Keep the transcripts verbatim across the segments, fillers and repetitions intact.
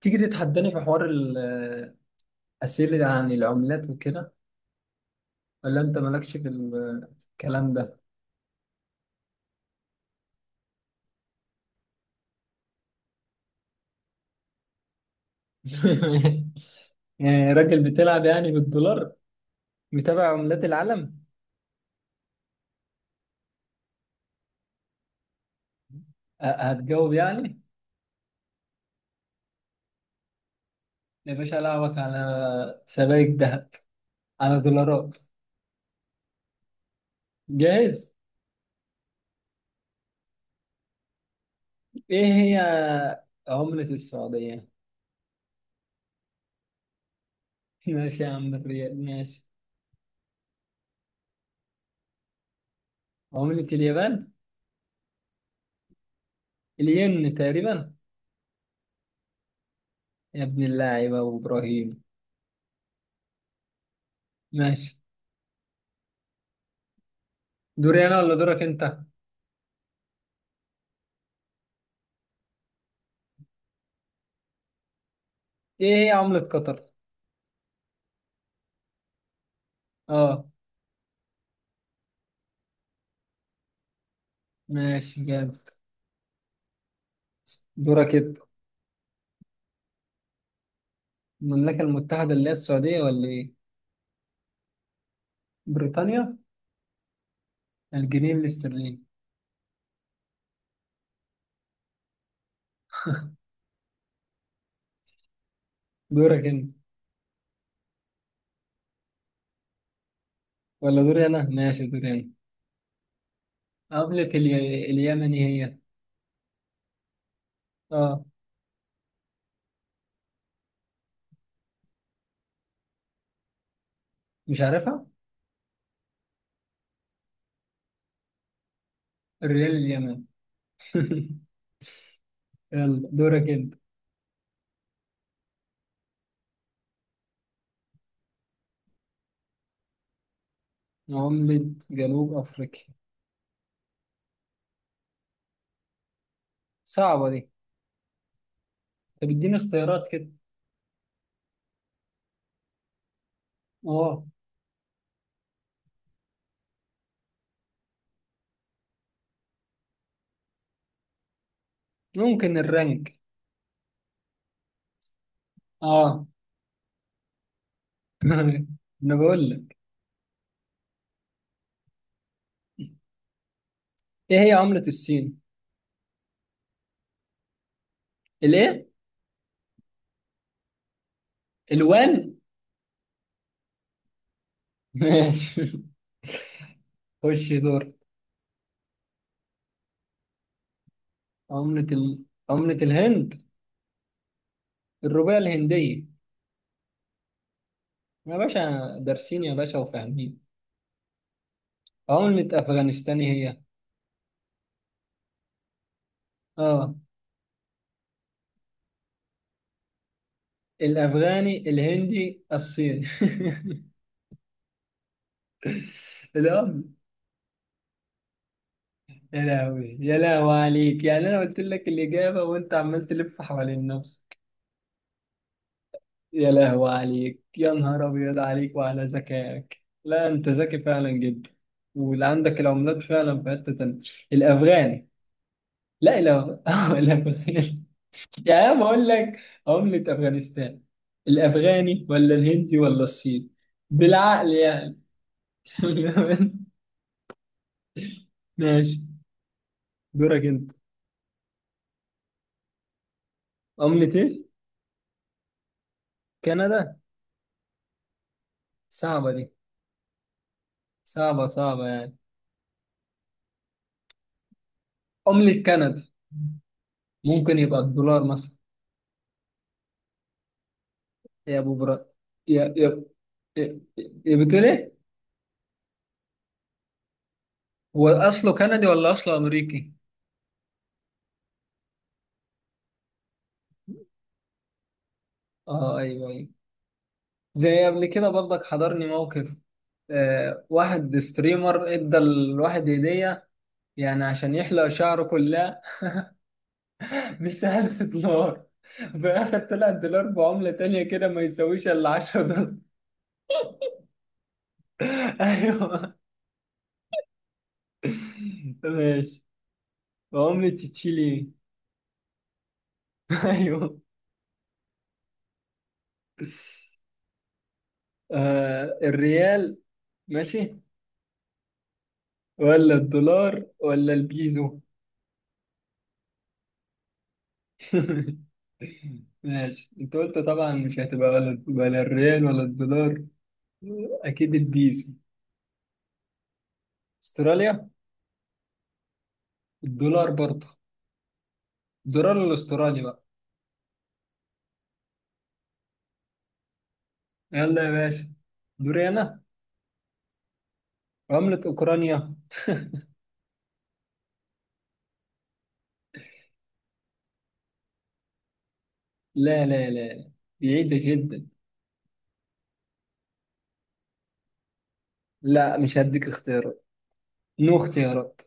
تيجي تتحداني في حوار ال- الأسئلة عن العملات وكده، ولا أنت مالكش في ال- الكلام ده؟ يعني راجل بتلعب يعني بالدولار، متابع عملات العالم. أ- هتجاوب يعني. يا باشا ألعبك على سبائك ذهب، على دولارات. جاهز؟ إيه هي عملة السعودية؟ ماشي يا عم، الريال ماشي. عملة اليابان؟ الين تقريبا. يا ابن اللاعب أبو إبراهيم. ماشي. دوري أنا ولا دورك أنت؟ ايه هي عملة قطر؟ اه. ماشي جامد. دورك انت. المملكة المتحدة اللي هي السعودية ولا ايه؟ بريطانيا. الجنيه الاسترليني. دورك انت ولا دوري انا؟ ماشي دوري انا. عملة الي... اليمني هي. اه. مش عارفها؟ الريال اليمني. يلا دورك انت. عملة جنوب افريقيا. صعبة دي. طب اديني اختيارات كده. اه. ممكن الرنك. اه. انا بقول لك. ايه هي عملة الصين؟ الايه؟ الوان؟ ماشي. خش دور. عملة ال... عملة الهند. الروبية الهندية. يا باشا دارسين يا باشا وفاهمين. عملة أفغانستان هي. اه. الأفغاني الهندي الصيني. الأم. يا لهوي، يا لهوي عليك يعني، أنا قلت لك الإجابة وأنت عمال تلف حوالين نفسك. يا لهوي عليك يا نهار أبيض عليك وعلى ذكائك. لا أنت ذكي فعلا جدا، واللي عندك العملات فعلا في حتة تانية. الأفغاني. لا الأف... الأفغاني. يا عم بقول لك، عملة أفغانستان، الأفغاني ولا الهندي ولا الصيني، بالعقل يعني. ماشي. دورك أنت. عملة إيه؟ كندا. صعبة دي. صعبة صعبة يعني. عملة كندا. ممكن يبقى الدولار مثلا. يا أبو برا. يا يا يا يا بتقول إيه؟ هو أصله كندي ولا أصله أمريكي؟ أه أيوه أيوه. زي قبل كده برضك حضرني موقف. آه واحد ستريمر ادى الواحد هدية، يعني عشان يحلق شعره كلها. مش عارف دولار. بآخر طلع الدولار بعملة تانية كده، ما يساويش إلا عشرة دولار. أيوه. ماشي. بعملة تشيلي إيه؟ أيوه. آه الريال. ماشي. ولا الدولار ولا البيزو. ماشي. أنت قلت طبعا مش هتبقى ولا ولا الريال ولا الدولار. أكيد البيزو. أستراليا. الدولار برضه. الدولار الأسترالي بقى. يلا يا باشا. دوري أنا. عملة أوكرانيا. لا لا لا. بعيدة جدا. لا مش هديك اختيارات. نو اختيارات.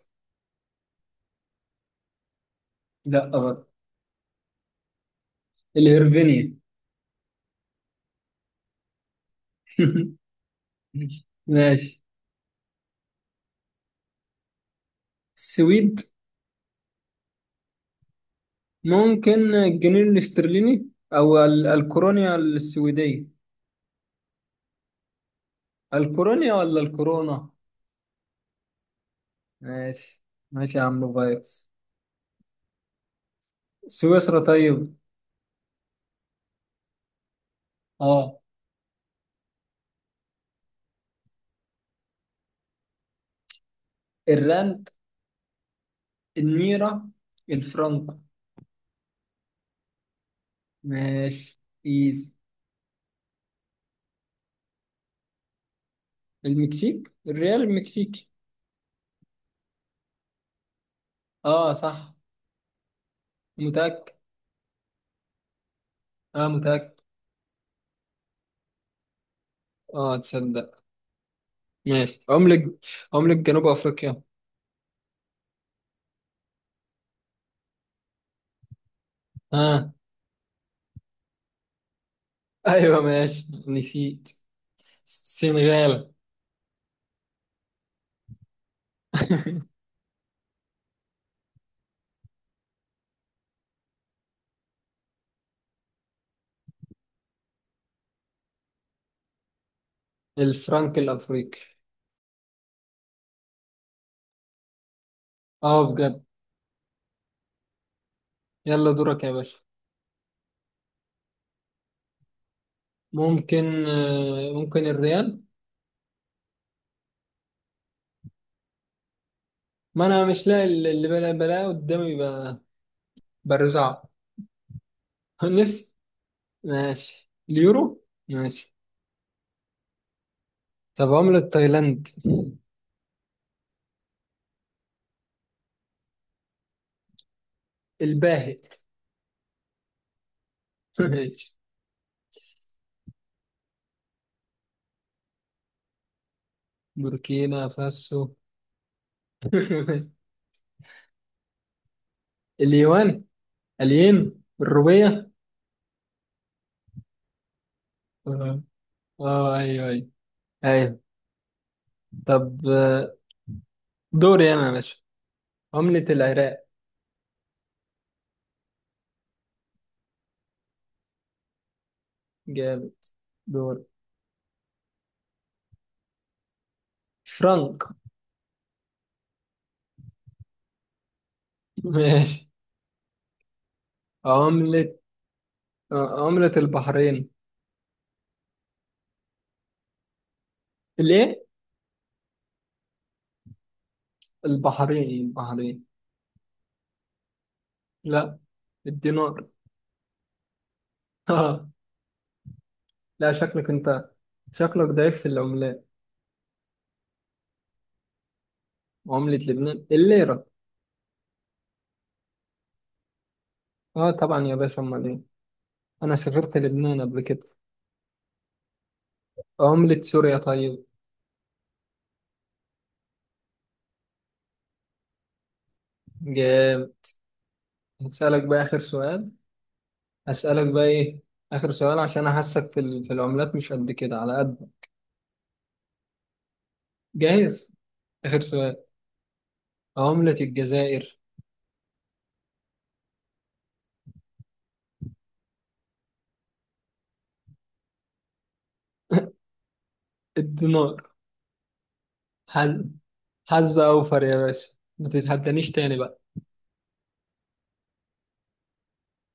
لا أبدا. الهرفينيا. ماشي. السويد. ممكن الجنيه الاسترليني أو ال- الكورونيا السويدية. الكورونيا ولا الكورونا. ماشي. ماشي يا عم فايروس. سويسرا طيب. اه. الراند، النيرة، الفرنك. ماشي. ايزي. المكسيك. الريال المكسيكي. اه صح. متأكد. اه متأكد. اه تصدق. ماشي. عملة. عملة جنوب افريقيا. اه. ايوه ماشي نسيت. السنغال. الفرنك الافريقي. اه بجد. يلا دورك يا باشا. ممكن آه ممكن الريال. ما انا مش لاقي اللي اللي بلا بلا قدامي ب- برزعه. نفسي. ماشي اليورو ماشي. طب عملة تايلاند. الباهت. ماشي. بوركينا فاسو. اليوان. الين. الروبيه. اه. آه، ايوه ايوه. ايوه. طب آه، دوري انا يا باشا. عملة العراق. جاب. دور. فرنك. ماشي. عملة. آه، عملة البحرين. الايه. البحرين البحرين. لا. الدينار. اه. لا شكلك انت. شكلك ضعيف في العملات. عملة لبنان الليرة. اه طبعا يا باشا، امال ايه. انا سافرت لبنان قبل كده. عملة سوريا طيب. جاب. هسألك بقى آخر سؤال. أسألك بقى إيه. آخر سؤال عشان أحسك في ال- في العملات مش قد كده على قد. جاهز. آخر سؤال. عملة الجزائر. الدينار. حز حظ أوفر يا باشا. ما تتحدانيش تاني بقى.